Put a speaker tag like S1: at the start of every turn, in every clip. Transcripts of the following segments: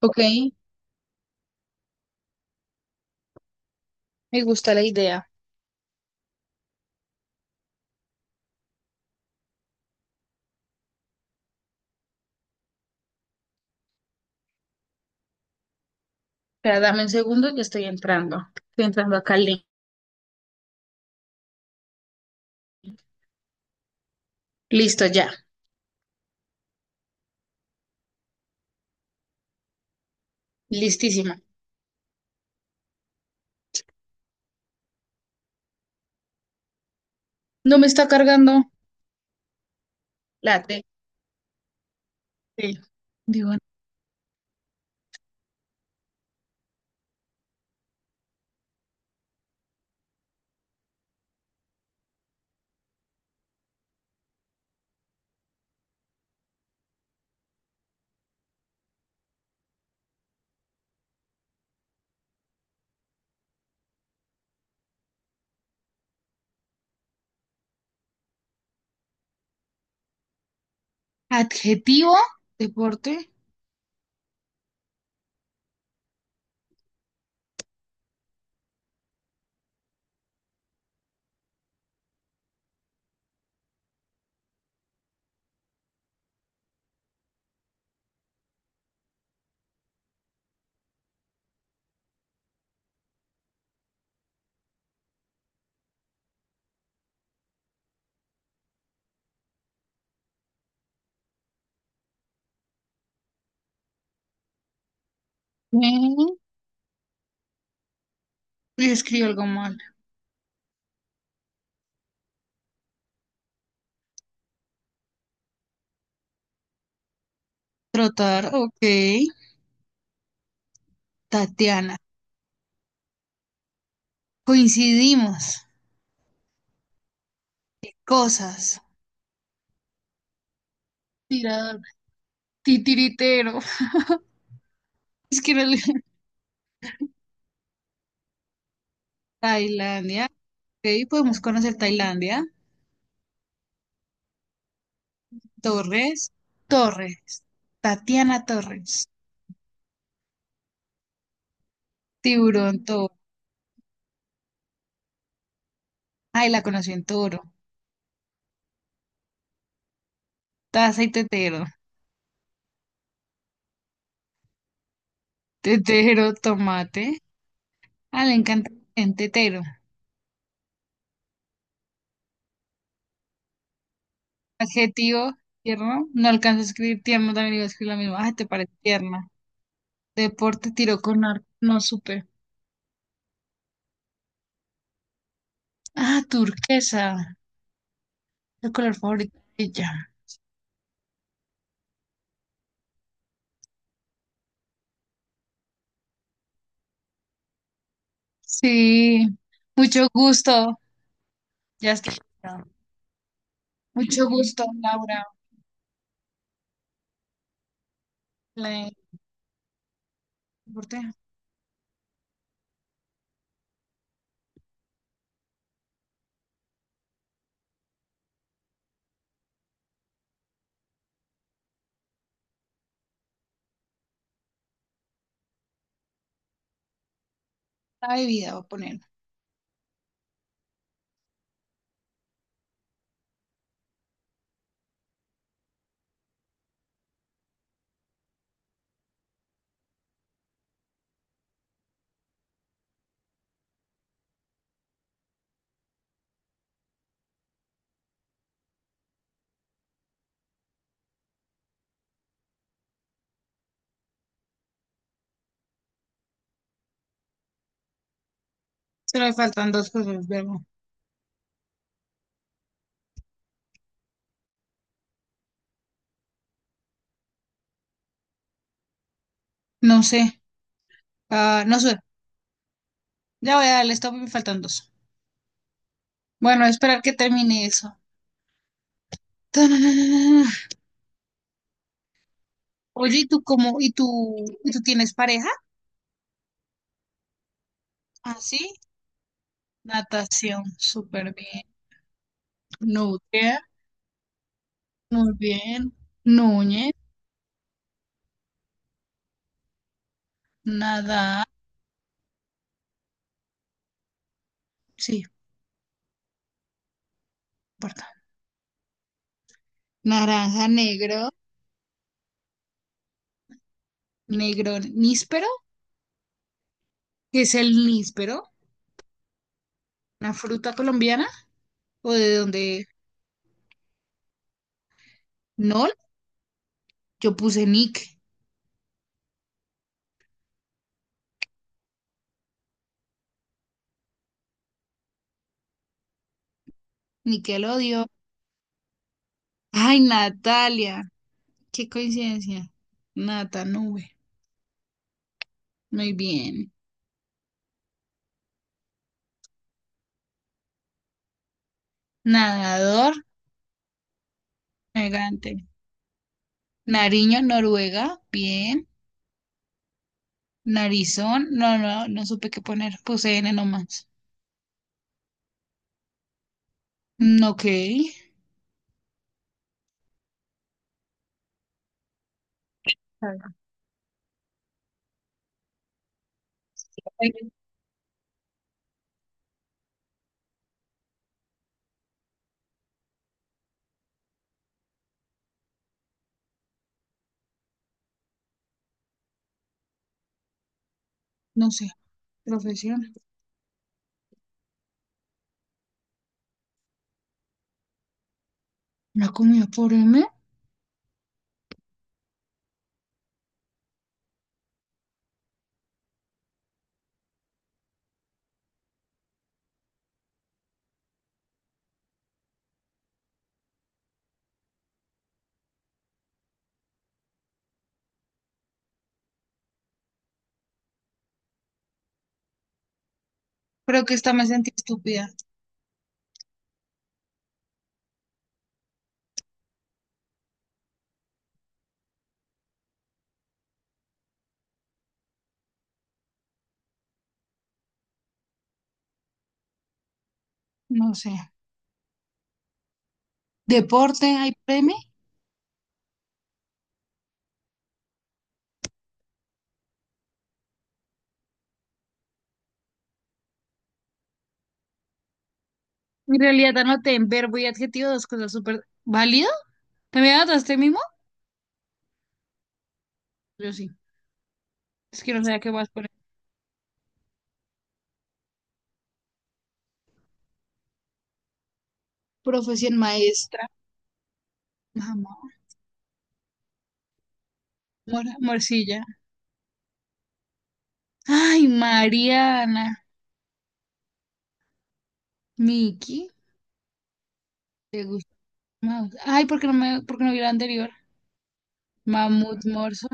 S1: Ok, me gusta la idea. Espera, dame un segundo, ya estoy entrando. Estoy entrando acá al link. Listo, ya. Listísima. No me está cargando la T. T. Digo, adjetivo, deporte. Mm, y escribo algo mal. Trotar, ok. Tatiana. Coincidimos. Cosas. Tirador. Titiritero. Es que no le- Tailandia. Ok, podemos conocer Tailandia. Torres. Torres. Tatiana Torres. Tiburón toro. Ay, la conoció en toro. Taza y tetero. Tetero, tomate. Ah, le encanta en tetero. Adjetivo, tierno. No alcanzo a escribir tierno, también iba a escribir la misma. Ah, te parece tierna. Deporte, tiro con arco. No supe. Ah, turquesa. El color favorito de ella. Sí. Mucho gusto. Ya está. Mucho gusto, Laura. La deporte. La bebida, voy a poner. Solo me faltan dos cosas, verbo. No sé. Ah, no sé. Ya voy a darle stop y me faltan dos. Bueno, a esperar que termine eso. Tananana. Oye, ¿y tú cómo? ¿Y tú tienes pareja? Ah, sí. Natación, súper bien. Nutria, muy bien. Núñez, nada. Sí, no importa. Naranja negro, negro níspero, que es el níspero, una fruta colombiana, o de dónde. No, yo puse Nick, Nickelodeon. Ay, Natalia, qué coincidencia. Nata, nube. Muy bien. Nadador, elegante. Nariño, Noruega, bien. Narizón, no, no, no supe qué poner. Puse N nomás. Mm, ok. Ay, no sé. Profesión. ¿La comida por M? Creo que esta me sentí estúpida. No sé. Deporte, ¿hay premio? En realidad anoté en verbo y adjetivo dos cosas súper válido. ¿También anotaste mismo? Yo sí. Es que no sabía qué más poner. Profesión maestra. Mamá. Morcilla. Ay, Mariana. Miki, ¿te gusta Maus? Ay, por qué no vi la anterior? Mamut Morso,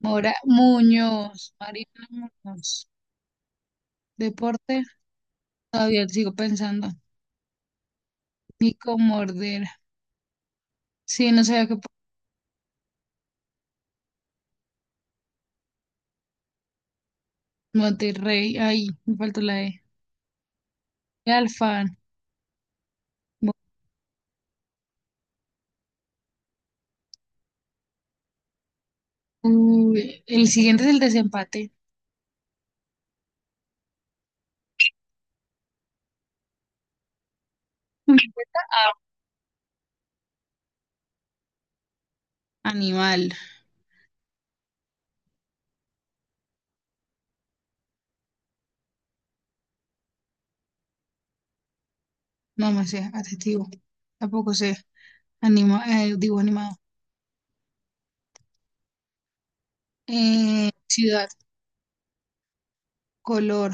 S1: Mora, Muñoz, Mariana Muñoz. Deporte, todavía sigo pensando. Nico Mordera. Sí, no sabía que por Monterrey. Ay, me faltó la E. Alfán. Uy, el siguiente es el desempate. Respuesta A. Animal. No, me sé, adjetivo. Tampoco sé. Digo animado. Ciudad, color.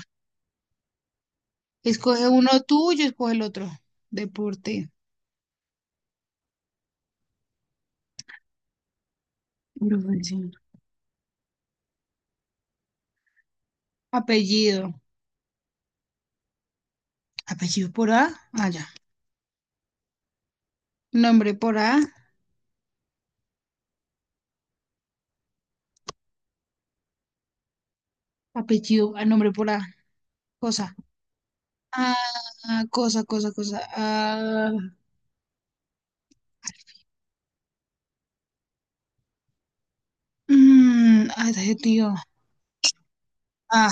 S1: Escoge uno tú, yo escoge el otro. Deporte. Profesión. Apellido. Apellido por A. Ah, ya. Nombre por A. Apellido. Ah, nombre por A. Cosa. Ah, cosa, cosa, cosa. Ah, mm, ay, adjetivo. Ah,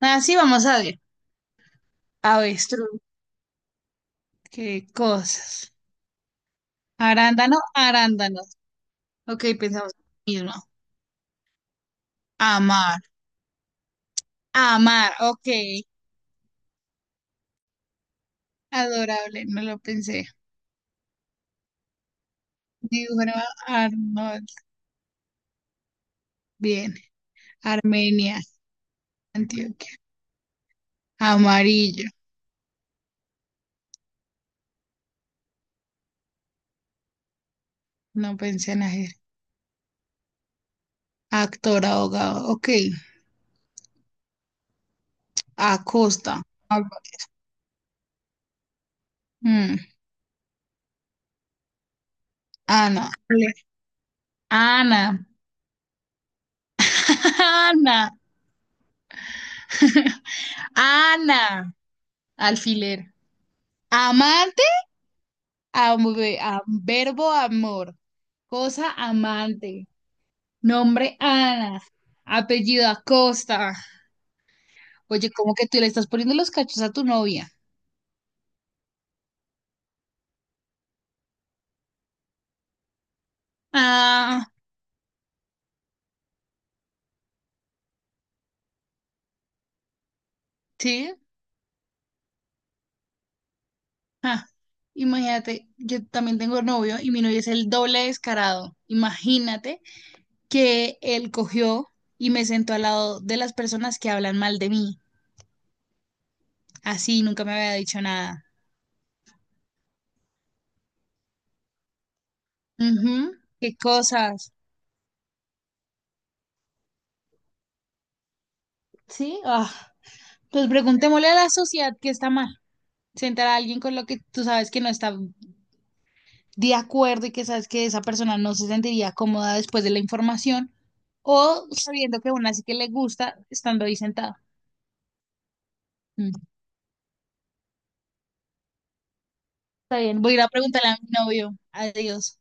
S1: así vamos a ver. Avestruz. Qué cosas. Arándano, arándanos. Ok, pensamos lo mismo. Amar. Amar. Ok. Adorable. No lo pensé. Dibujar a Arnold. Bien. Armenia, Antioquia. Amarillo. No pensé en hacer. Actor, abogado. Ok. Acosta. Alba- mm, Ana. Ana. Ana. Ana. Alfiler. Amante. am- verbo amor. Cosa amante. Nombre Ana. Apellido Acosta. Oye, ¿cómo que tú le estás poniendo los cachos a tu novia? Ah, sí. Ja, imagínate, yo también tengo novio y mi novio es el doble descarado. Imagínate que él cogió y me sentó al lado de las personas que hablan mal de mí. Así, nunca me había dicho nada. Ujú, qué cosas. Sí, ah, pues preguntémosle a la sociedad qué está mal. Sentar a alguien con lo que tú sabes que no está de acuerdo y que sabes que esa persona no se sentiría cómoda después de la información o sabiendo que aún así que le gusta estando ahí sentado. Está bien, voy a ir a preguntarle a mi novio. Adiós.